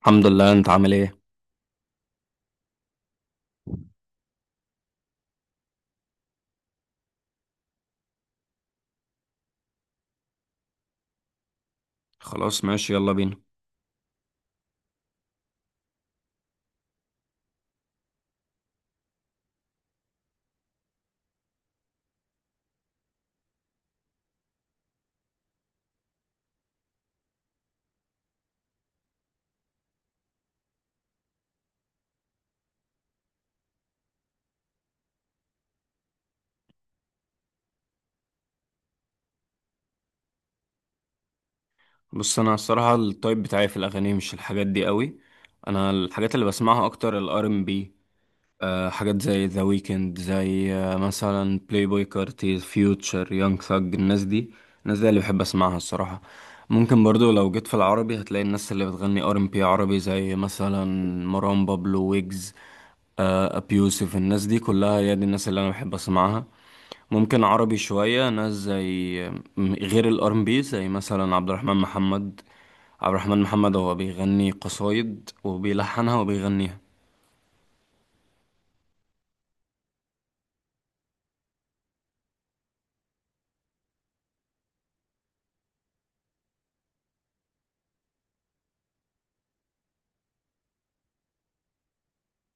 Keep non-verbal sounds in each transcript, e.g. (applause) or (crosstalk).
الحمد لله، انت عامل ايه؟ خلاص، ماشي، يلا بينا. بص، انا الصراحه التايب بتاعي في الاغاني مش الحاجات دي قوي. انا الحاجات اللي بسمعها اكتر الار ام بي. حاجات زي ذا ويكند، زي مثلا بلاي بوي كارتي، فيوتشر، يونج ثج، الناس دي اللي بحب اسمعها الصراحه. ممكن برضو لو جيت في العربي هتلاقي الناس اللي بتغني ار ام بي عربي، زي مثلا مروان بابلو، ويجز، ابيوسف. الناس دي كلها هي دي الناس اللي انا بحب اسمعها. ممكن عربي شوية ناس زي غير الار ام بي، زي مثلا عبد الرحمن محمد. عبد الرحمن محمد هو بيغني قصايد وبيلحنها وبيغنيها.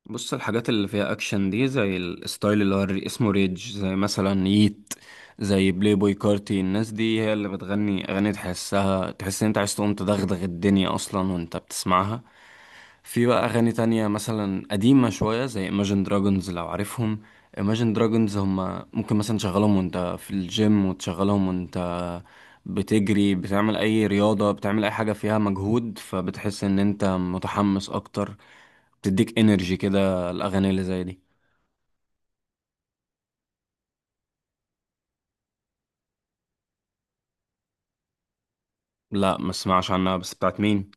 بص، الحاجات اللي فيها اكشن دي زي الستايل اللي هو اسمه ريج، زي مثلا ييت، زي بلاي بوي كارتي. الناس دي هي اللي بتغني اغاني تحسها، تحس ان انت عايز تقوم تدغدغ الدنيا اصلا وانت بتسمعها. في بقى اغاني تانية مثلا قديمة شوية زي Imagine Dragons لو عارفهم. Imagine Dragons هما ممكن مثلا تشغلهم وانت في الجيم، وتشغلهم وانت بتجري، بتعمل اي رياضة، بتعمل اي حاجة فيها مجهود، فبتحس ان انت متحمس اكتر. بتديك انرجي كده، الأغاني اللي زي دي. لا، ما اسمعش عنها، بس بتاعت مين؟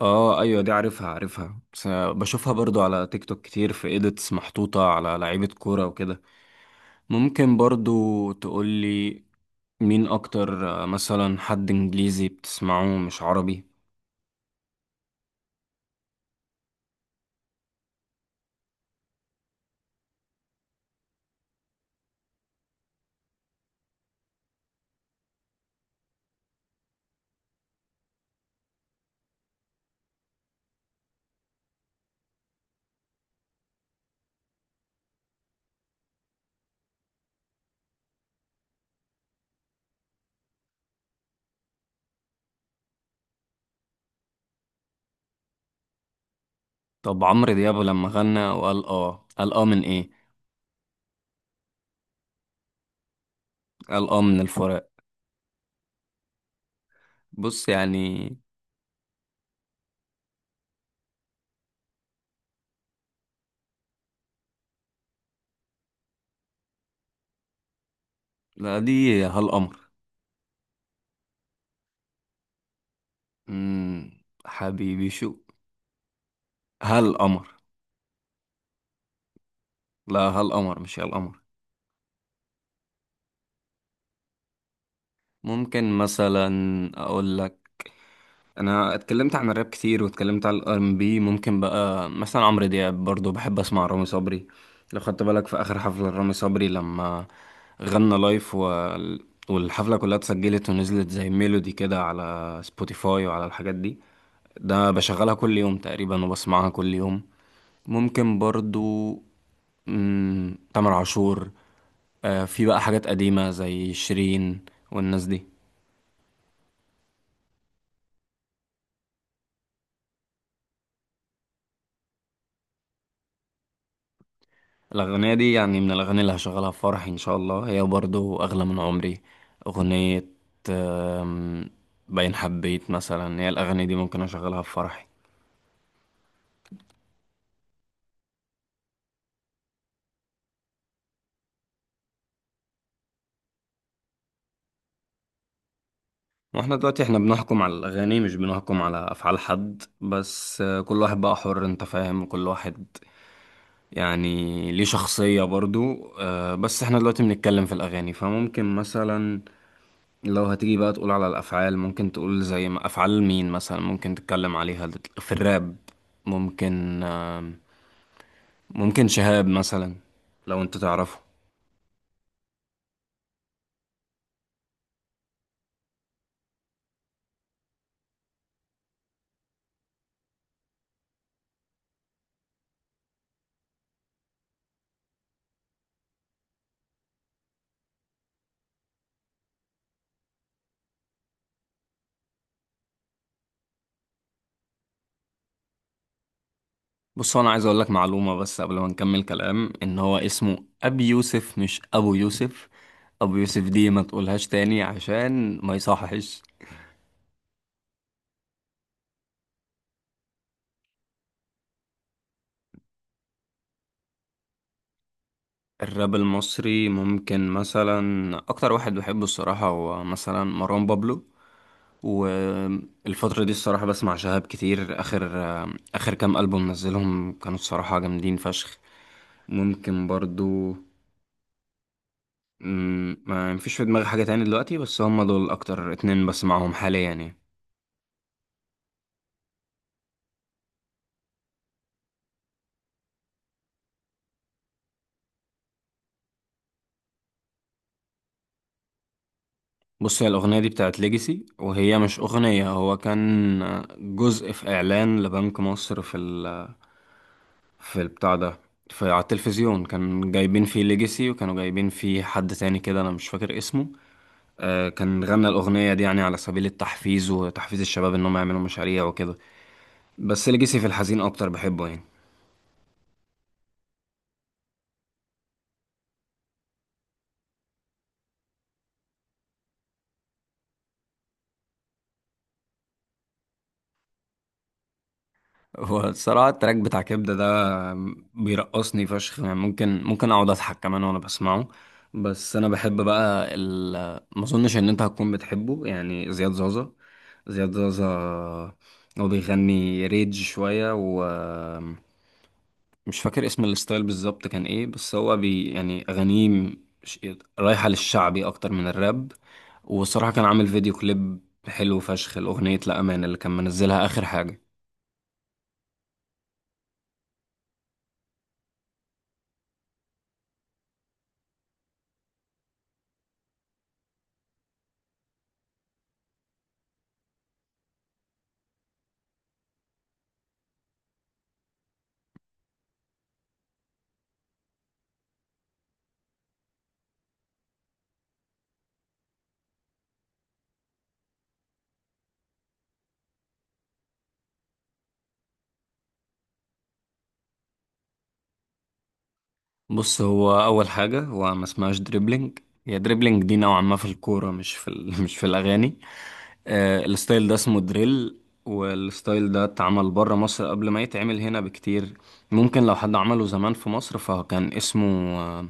اه، ايوه، دي عارفها عارفها، بس بشوفها برضو على تيك توك كتير في ايديتس محطوطة على لعيبة كورة وكده. ممكن برضو تقولي مين اكتر مثلا حد انجليزي بتسمعه مش عربي؟ طب عمرو دياب لما غنى وقال اه، قال اه من ايه؟ قال اه من الفراق. بص يعني. لا، دي هالقمر. حبيبي شو، هالقمر. لا، هالقمر مش هالقمر. ممكن مثلا اقول لك. انا اتكلمت عن الراب كتير واتكلمت عن الار ام بي. ممكن بقى مثلا عمرو دياب، برضو بحب اسمع رامي صبري. لو خدت بالك في اخر حفلة رامي صبري لما غنى لايف والحفلة كلها اتسجلت ونزلت زي ميلودي كده على سبوتيفاي وعلى الحاجات دي. ده بشغلها كل يوم تقريبا وبسمعها كل يوم. ممكن برضو، تامر عاشور. في بقى حاجات قديمة زي شيرين والناس دي. الأغنية دي يعني من الأغاني اللي هشغلها في فرحي إن شاء الله، هي برضو أغلى من عمري، أغنية آم، باين حبيت مثلا. هي الأغاني دي ممكن أشغلها في فرحي. واحنا دلوقتي احنا بنحكم على الأغاني، مش بنحكم على أفعال حد. بس كل واحد بقى حر، انت فاهم، كل واحد يعني ليه شخصية برضو. بس احنا دلوقتي بنتكلم في الأغاني، فممكن مثلا لو هتيجي بقى تقول على الأفعال، ممكن تقول زي ما أفعال مين مثلا ممكن تتكلم عليها في الراب. ممكن آم، ممكن شهاب مثلا، لو انت تعرفه. بص، هو انا عايز اقول لك معلومة بس قبل ما نكمل كلام، ان هو اسمه ابي يوسف، مش ابو يوسف. ابو يوسف دي ما تقولهاش تاني عشان ما يصحش. الراب المصري، ممكن مثلا اكتر واحد بحبه الصراحة هو مثلا مروان بابلو. والفترة دي الصراحة بسمع شهاب كتير. آخر كام ألبوم نزلهم كانوا الصراحة جامدين فشخ. ممكن برضو ما مفيش في دماغي حاجة تاني دلوقتي، بس هم دول أكتر اتنين بسمعهم حاليا يعني. بص، هي الأغنية دي بتاعت ليجاسي، وهي مش أغنية، هو كان جزء في إعلان لبنك مصر في البتاع ده، في على التلفزيون. كان جايبين فيه ليجاسي وكانوا جايبين فيه حد تاني كده، أنا مش فاكر اسمه. كان غنى الأغنية دي يعني على سبيل التحفيز وتحفيز الشباب إنهم يعملوا مشاريع وكده. بس ليجاسي في الحزين أكتر بحبه يعني. هو الصراحة التراك بتاع كبدة ده بيرقصني فشخ يعني، ممكن أقعد أضحك كمان وأنا بسمعه. بس أنا بحب بقى ما أظنش إن أنت هتكون بتحبه، يعني زياد زازا. زياد زازا هو بيغني ريج شوية، مش فاكر اسم الستايل بالظبط كان ايه، بس هو يعني اغانيه ش- رايحة للشعبي اكتر من الراب. والصراحة كان عامل فيديو كليب حلو فشخ، الاغنية لا امان اللي كان منزلها اخر حاجة. بص، هو اول حاجه، هو ما اسمهاش دريبلينج. هي دريبلينج دي نوعا ما في الكوره، مش (laughs) مش في الاغاني. الستايل ده اسمه دريل. والستايل ده اتعمل بره مصر قبل ما يتعمل هنا بكتير. ممكن لو حد عمله زمان في مصر فكان اسمه آه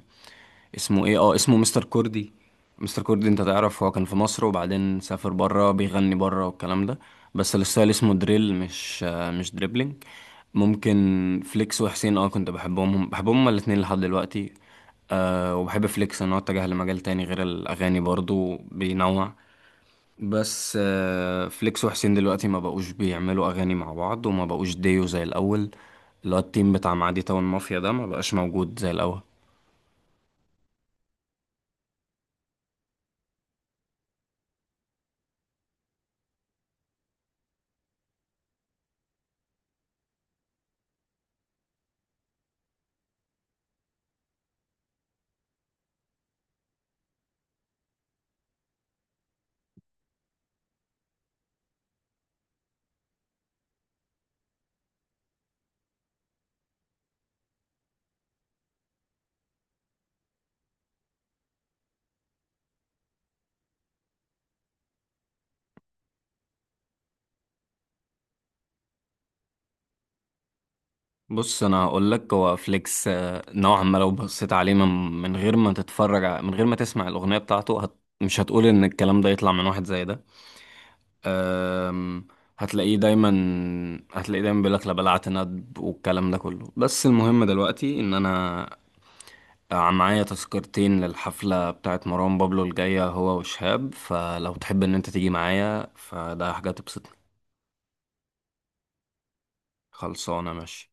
اسمه ايه؟ اه اسمه مستر كوردي. مستر كوردي، انت تعرف، هو كان في مصر وبعدين سافر بره بيغني بره والكلام ده. بس الستايل اسمه دريل، مش مش دريبلينج. ممكن فليكس وحسين، كنت بحبهم، هم بحبهم هما الاتنين لحد دلوقتي. وبحب فليكس ان هو اتجه لمجال تاني غير الاغاني برضو بينوع. بس فليكس وحسين دلوقتي ما بقوش بيعملوا اغاني مع بعض وما بقوش ديو زي الاول. اللي هو التيم بتاع معادي تاون مافيا ده ما بقاش موجود زي الاول. بص، انا هقول لك هو فليكس نوعا ما لو بصيت عليه من غير ما تتفرج من غير ما تسمع الاغنيه بتاعته، مش هتقول ان الكلام ده يطلع من واحد زي ده. أم، هتلاقيه دايما هتلاقيه دايما بيقولك لا بلعت ندب والكلام ده كله. بس المهم دلوقتي ان انا معايا تذكرتين للحفلة بتاعت مروان بابلو الجاية، هو وشهاب، فلو تحب ان انت تيجي معايا فده حاجة تبسطني. خلصانة، ماشي.